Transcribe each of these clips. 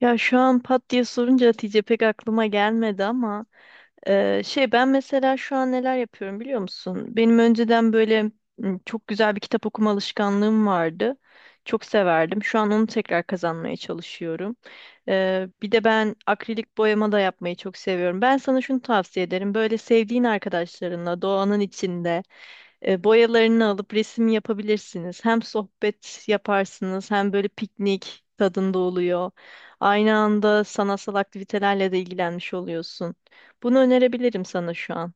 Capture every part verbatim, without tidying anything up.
Ya şu an pat diye sorunca Hatice pek aklıma gelmedi ama e, şey ben mesela şu an neler yapıyorum biliyor musun? Benim önceden böyle m, çok güzel bir kitap okuma alışkanlığım vardı. Çok severdim. Şu an onu tekrar kazanmaya çalışıyorum. E, bir de ben akrilik boyama da yapmayı çok seviyorum. Ben sana şunu tavsiye ederim. Böyle sevdiğin arkadaşlarınla doğanın içinde e, boyalarını alıp resim yapabilirsiniz. Hem sohbet yaparsınız hem böyle piknik tadında oluyor. Aynı anda sanatsal aktivitelerle de ilgilenmiş oluyorsun. Bunu önerebilirim sana şu an.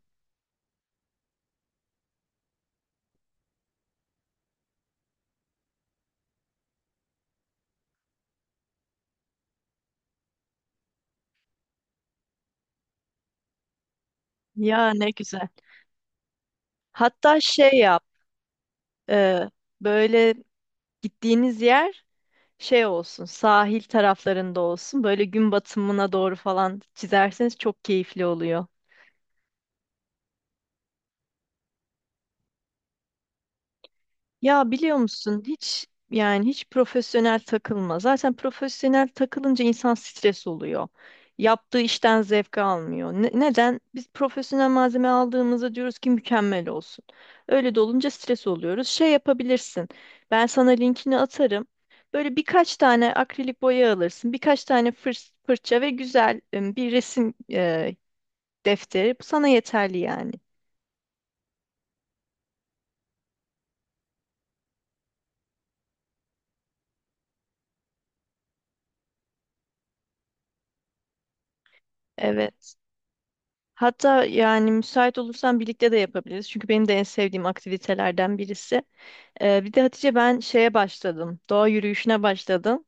Ya ne güzel. Hatta şey yap, e, böyle gittiğiniz yer şey olsun, sahil taraflarında olsun. Böyle gün batımına doğru falan çizerseniz çok keyifli oluyor. Ya biliyor musun hiç yani hiç profesyonel takılma. Zaten profesyonel takılınca insan stres oluyor. Yaptığı işten zevk almıyor. Ne- neden? Biz profesyonel malzeme aldığımızda diyoruz ki mükemmel olsun. Öyle de olunca stres oluyoruz. Şey yapabilirsin. Ben sana linkini atarım. Böyle birkaç tane akrilik boya alırsın. Birkaç tane fır- fırça ve güzel e, bir resim e, defteri. Bu sana yeterli yani. Evet. Hatta yani müsait olursan birlikte de yapabiliriz. Çünkü benim de en sevdiğim aktivitelerden birisi. Ee, bir de Hatice ben şeye başladım. Doğa yürüyüşüne başladım.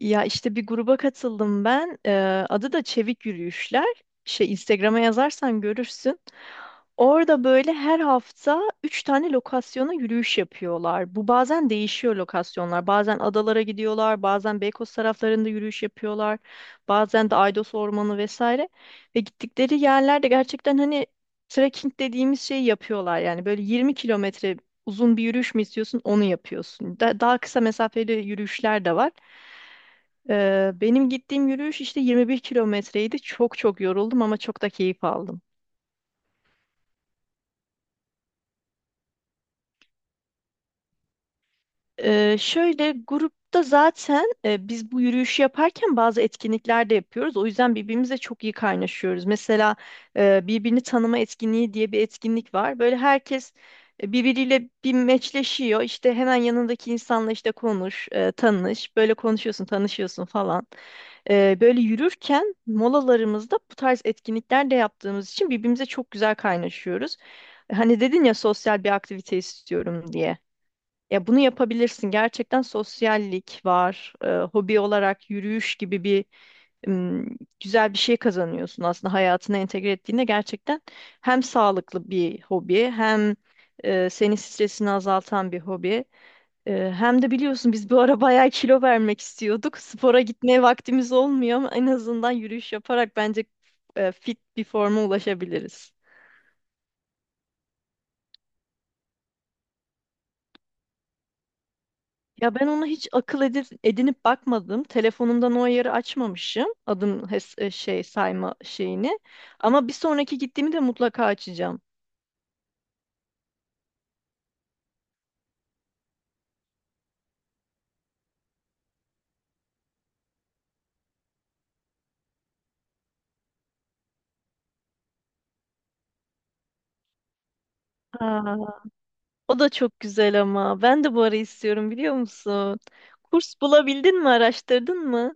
Ya işte bir gruba katıldım ben. Ee, adı da Çevik Yürüyüşler. Şey Instagram'a yazarsan görürsün. Orada böyle her hafta üç tane lokasyona yürüyüş yapıyorlar. Bu bazen değişiyor lokasyonlar. Bazen adalara gidiyorlar, bazen Beykoz taraflarında yürüyüş yapıyorlar, bazen de Aydos Ormanı vesaire. Ve gittikleri yerlerde gerçekten hani trekking dediğimiz şeyi yapıyorlar. Yani böyle yirmi kilometre uzun bir yürüyüş mü istiyorsun, onu yapıyorsun. Da- daha kısa mesafeli yürüyüşler de var. Ee, benim gittiğim yürüyüş işte yirmi bir kilometreydi. Çok çok yoruldum ama çok da keyif aldım. Ee, şöyle grupta zaten e, biz bu yürüyüşü yaparken bazı etkinlikler de yapıyoruz. O yüzden birbirimizle çok iyi kaynaşıyoruz. Mesela e, birbirini tanıma etkinliği diye bir etkinlik var. Böyle herkes e, birbiriyle bir meçleşiyor. İşte hemen yanındaki insanla işte konuş, e, tanış. Böyle konuşuyorsun, tanışıyorsun falan. E, böyle yürürken molalarımızda bu tarz etkinlikler de yaptığımız için birbirimize çok güzel kaynaşıyoruz. Hani dedin ya sosyal bir aktivite istiyorum diye. Ya bunu yapabilirsin. Gerçekten sosyallik var. Ee, hobi olarak yürüyüş gibi bir ım, güzel bir şey kazanıyorsun aslında hayatına entegre ettiğinde gerçekten hem sağlıklı bir hobi hem e, senin stresini azaltan bir hobi. E, hem de biliyorsun biz bu ara bayağı kilo vermek istiyorduk. Spora gitmeye vaktimiz olmuyor ama en azından yürüyüş yaparak bence e, fit bir forma ulaşabiliriz. Ya ben onu hiç akıl edip, edinip bakmadım. Telefonumdan o ayarı açmamışım. Adım hes- e, şey sayma şeyini. Ama bir sonraki gittiğimi de mutlaka açacağım. Aa. O da çok güzel ama. Ben de bu ara istiyorum biliyor musun? Kurs bulabildin mi? Araştırdın mı?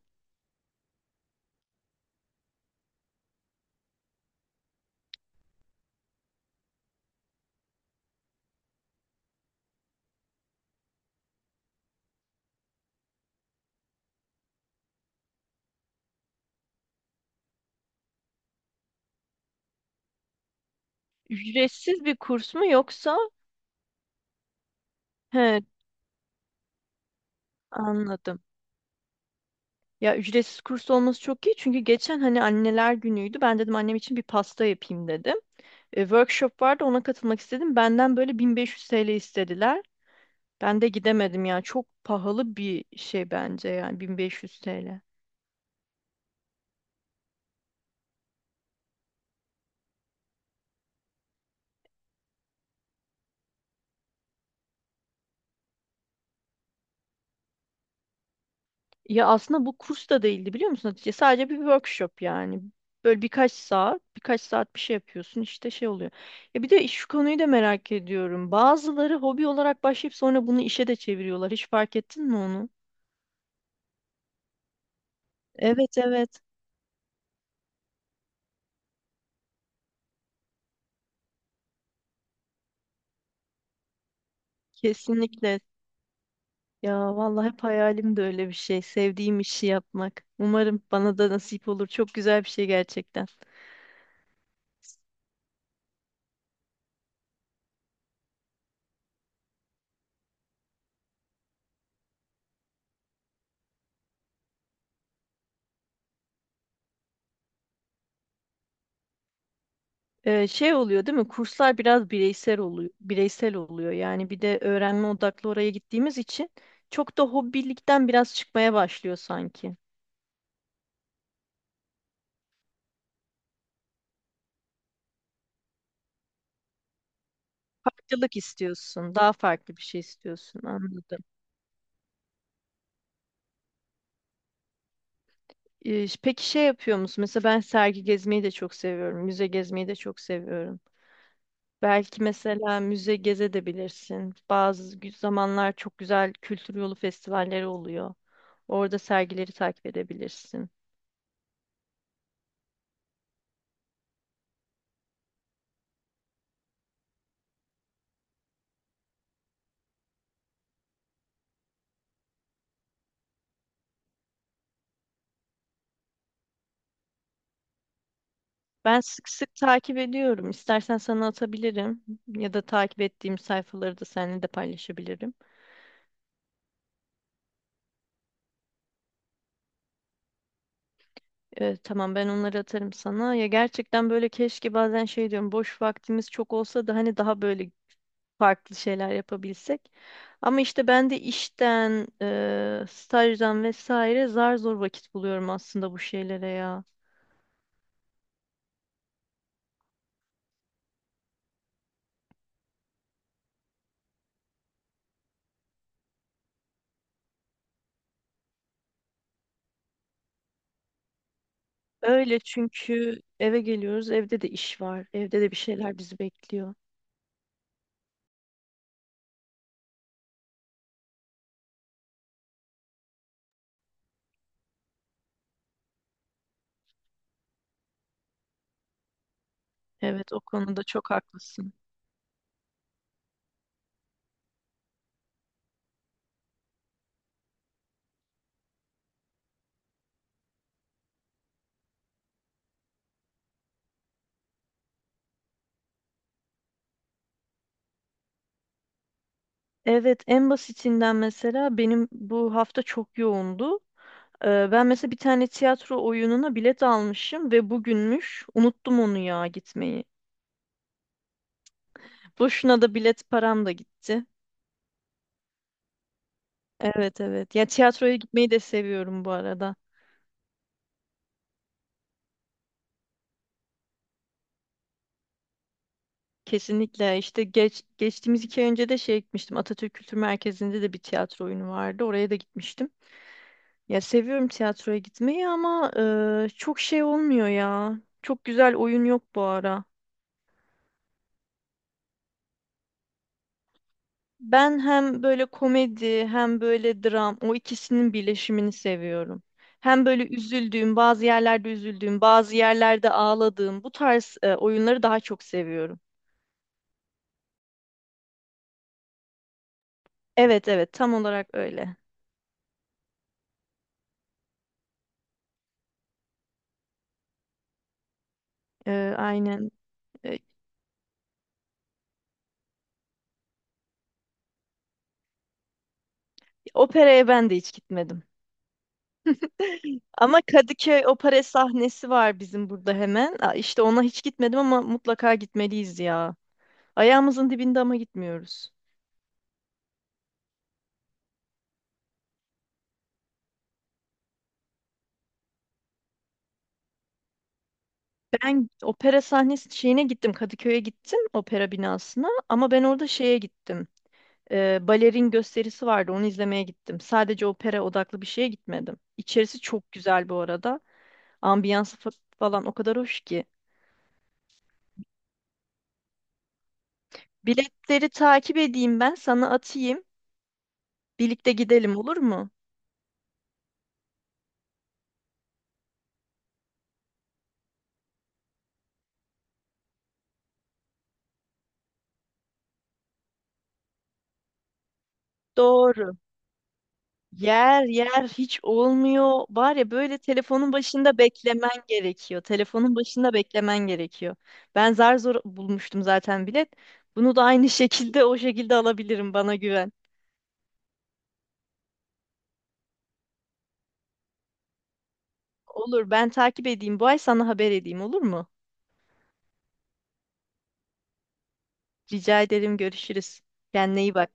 Ücretsiz bir kurs mu yoksa? He, anladım. Ya ücretsiz kurs olması çok iyi çünkü geçen hani anneler günüydü. Ben dedim annem için bir pasta yapayım dedim. E, workshop vardı ona katılmak istedim. Benden böyle bin beş yüz T L istediler. Ben de gidemedim ya. Çok pahalı bir şey bence yani bin beş yüz T L. Ya aslında bu kurs da değildi biliyor musun Hatice? Sadece bir workshop yani. Böyle birkaç saat, birkaç saat bir şey yapıyorsun işte şey oluyor. Ya bir de şu konuyu da merak ediyorum. Bazıları hobi olarak başlayıp sonra bunu işe de çeviriyorlar. Hiç fark ettin mi onu? Evet, evet. Kesinlikle. Ya vallahi hep hayalim de öyle bir şey. Sevdiğim işi yapmak. Umarım bana da nasip olur. Çok güzel bir şey gerçekten. Ee, şey oluyor değil mi? Kurslar biraz bireysel oluyor. Bireysel oluyor. Yani bir de öğrenme odaklı oraya gittiğimiz için çok da hobilikten biraz çıkmaya başlıyor sanki. Farklılık istiyorsun, daha farklı bir şey istiyorsun. Anladım. Ee, ş- peki şey yapıyor musun? Mesela ben sergi gezmeyi de çok seviyorum. Müze gezmeyi de çok seviyorum. Belki mesela müze gezebilirsin. Bazı gü- zamanlar çok güzel kültür yolu festivalleri oluyor. Orada sergileri takip edebilirsin. Ben sık sık takip ediyorum. İstersen sana atabilirim ya da takip ettiğim sayfaları da seninle de paylaşabilirim. Ee, tamam ben onları atarım sana. Ya gerçekten böyle keşke bazen şey diyorum boş vaktimiz çok olsa da hani daha böyle farklı şeyler yapabilsek. Ama işte ben de işten, e, stajdan vesaire zar zor vakit buluyorum aslında bu şeylere ya. Öyle çünkü eve geliyoruz, evde de iş var, evde de bir şeyler bizi bekliyor. Evet, o konuda çok haklısın. Evet, en basitinden mesela benim bu hafta çok yoğundu. Ee, ben mesela bir tane tiyatro oyununa bilet almışım ve bugünmüş. Unuttum onu ya gitmeyi. Boşuna da bilet param da gitti. Evet, evet. Ya tiyatroya gitmeyi de seviyorum bu arada. Kesinlikle. İşte geç, geçtiğimiz iki ay önce de şey gitmiştim. Atatürk Kültür Merkezi'nde de bir tiyatro oyunu vardı. Oraya da gitmiştim. Ya seviyorum tiyatroya gitmeyi ama e, çok şey olmuyor ya. Çok güzel oyun yok bu ara. Ben hem böyle komedi hem böyle dram o ikisinin birleşimini seviyorum. Hem böyle üzüldüğüm, bazı yerlerde üzüldüğüm, bazı yerlerde ağladığım bu tarz e, oyunları daha çok seviyorum. Evet evet tam olarak öyle. E, aynen. E, operaya ben de hiç gitmedim. Ama Kadıköy Opera sahnesi var bizim burada hemen. Aa, İşte ona hiç gitmedim ama mutlaka gitmeliyiz ya. Ayağımızın dibinde ama gitmiyoruz. Ben opera sahnesi şeyine gittim. Kadıköy'e gittim opera binasına ama ben orada şeye gittim. Ee, balerin gösterisi vardı onu izlemeye gittim. Sadece opera odaklı bir şeye gitmedim. İçerisi çok güzel bu arada. Ambiyansı fa- falan o kadar hoş ki. Biletleri takip edeyim ben sana atayım. Birlikte gidelim olur mu? Doğru. Yer yer hiç olmuyor. Var ya böyle telefonun başında beklemen gerekiyor. Telefonun başında beklemen gerekiyor. Ben zar zor bulmuştum zaten bilet. Bunu da aynı şekilde o şekilde alabilirim bana güven. Olur ben takip edeyim. Bu ay sana haber edeyim olur mu? Rica ederim, görüşürüz. Kendine iyi bak.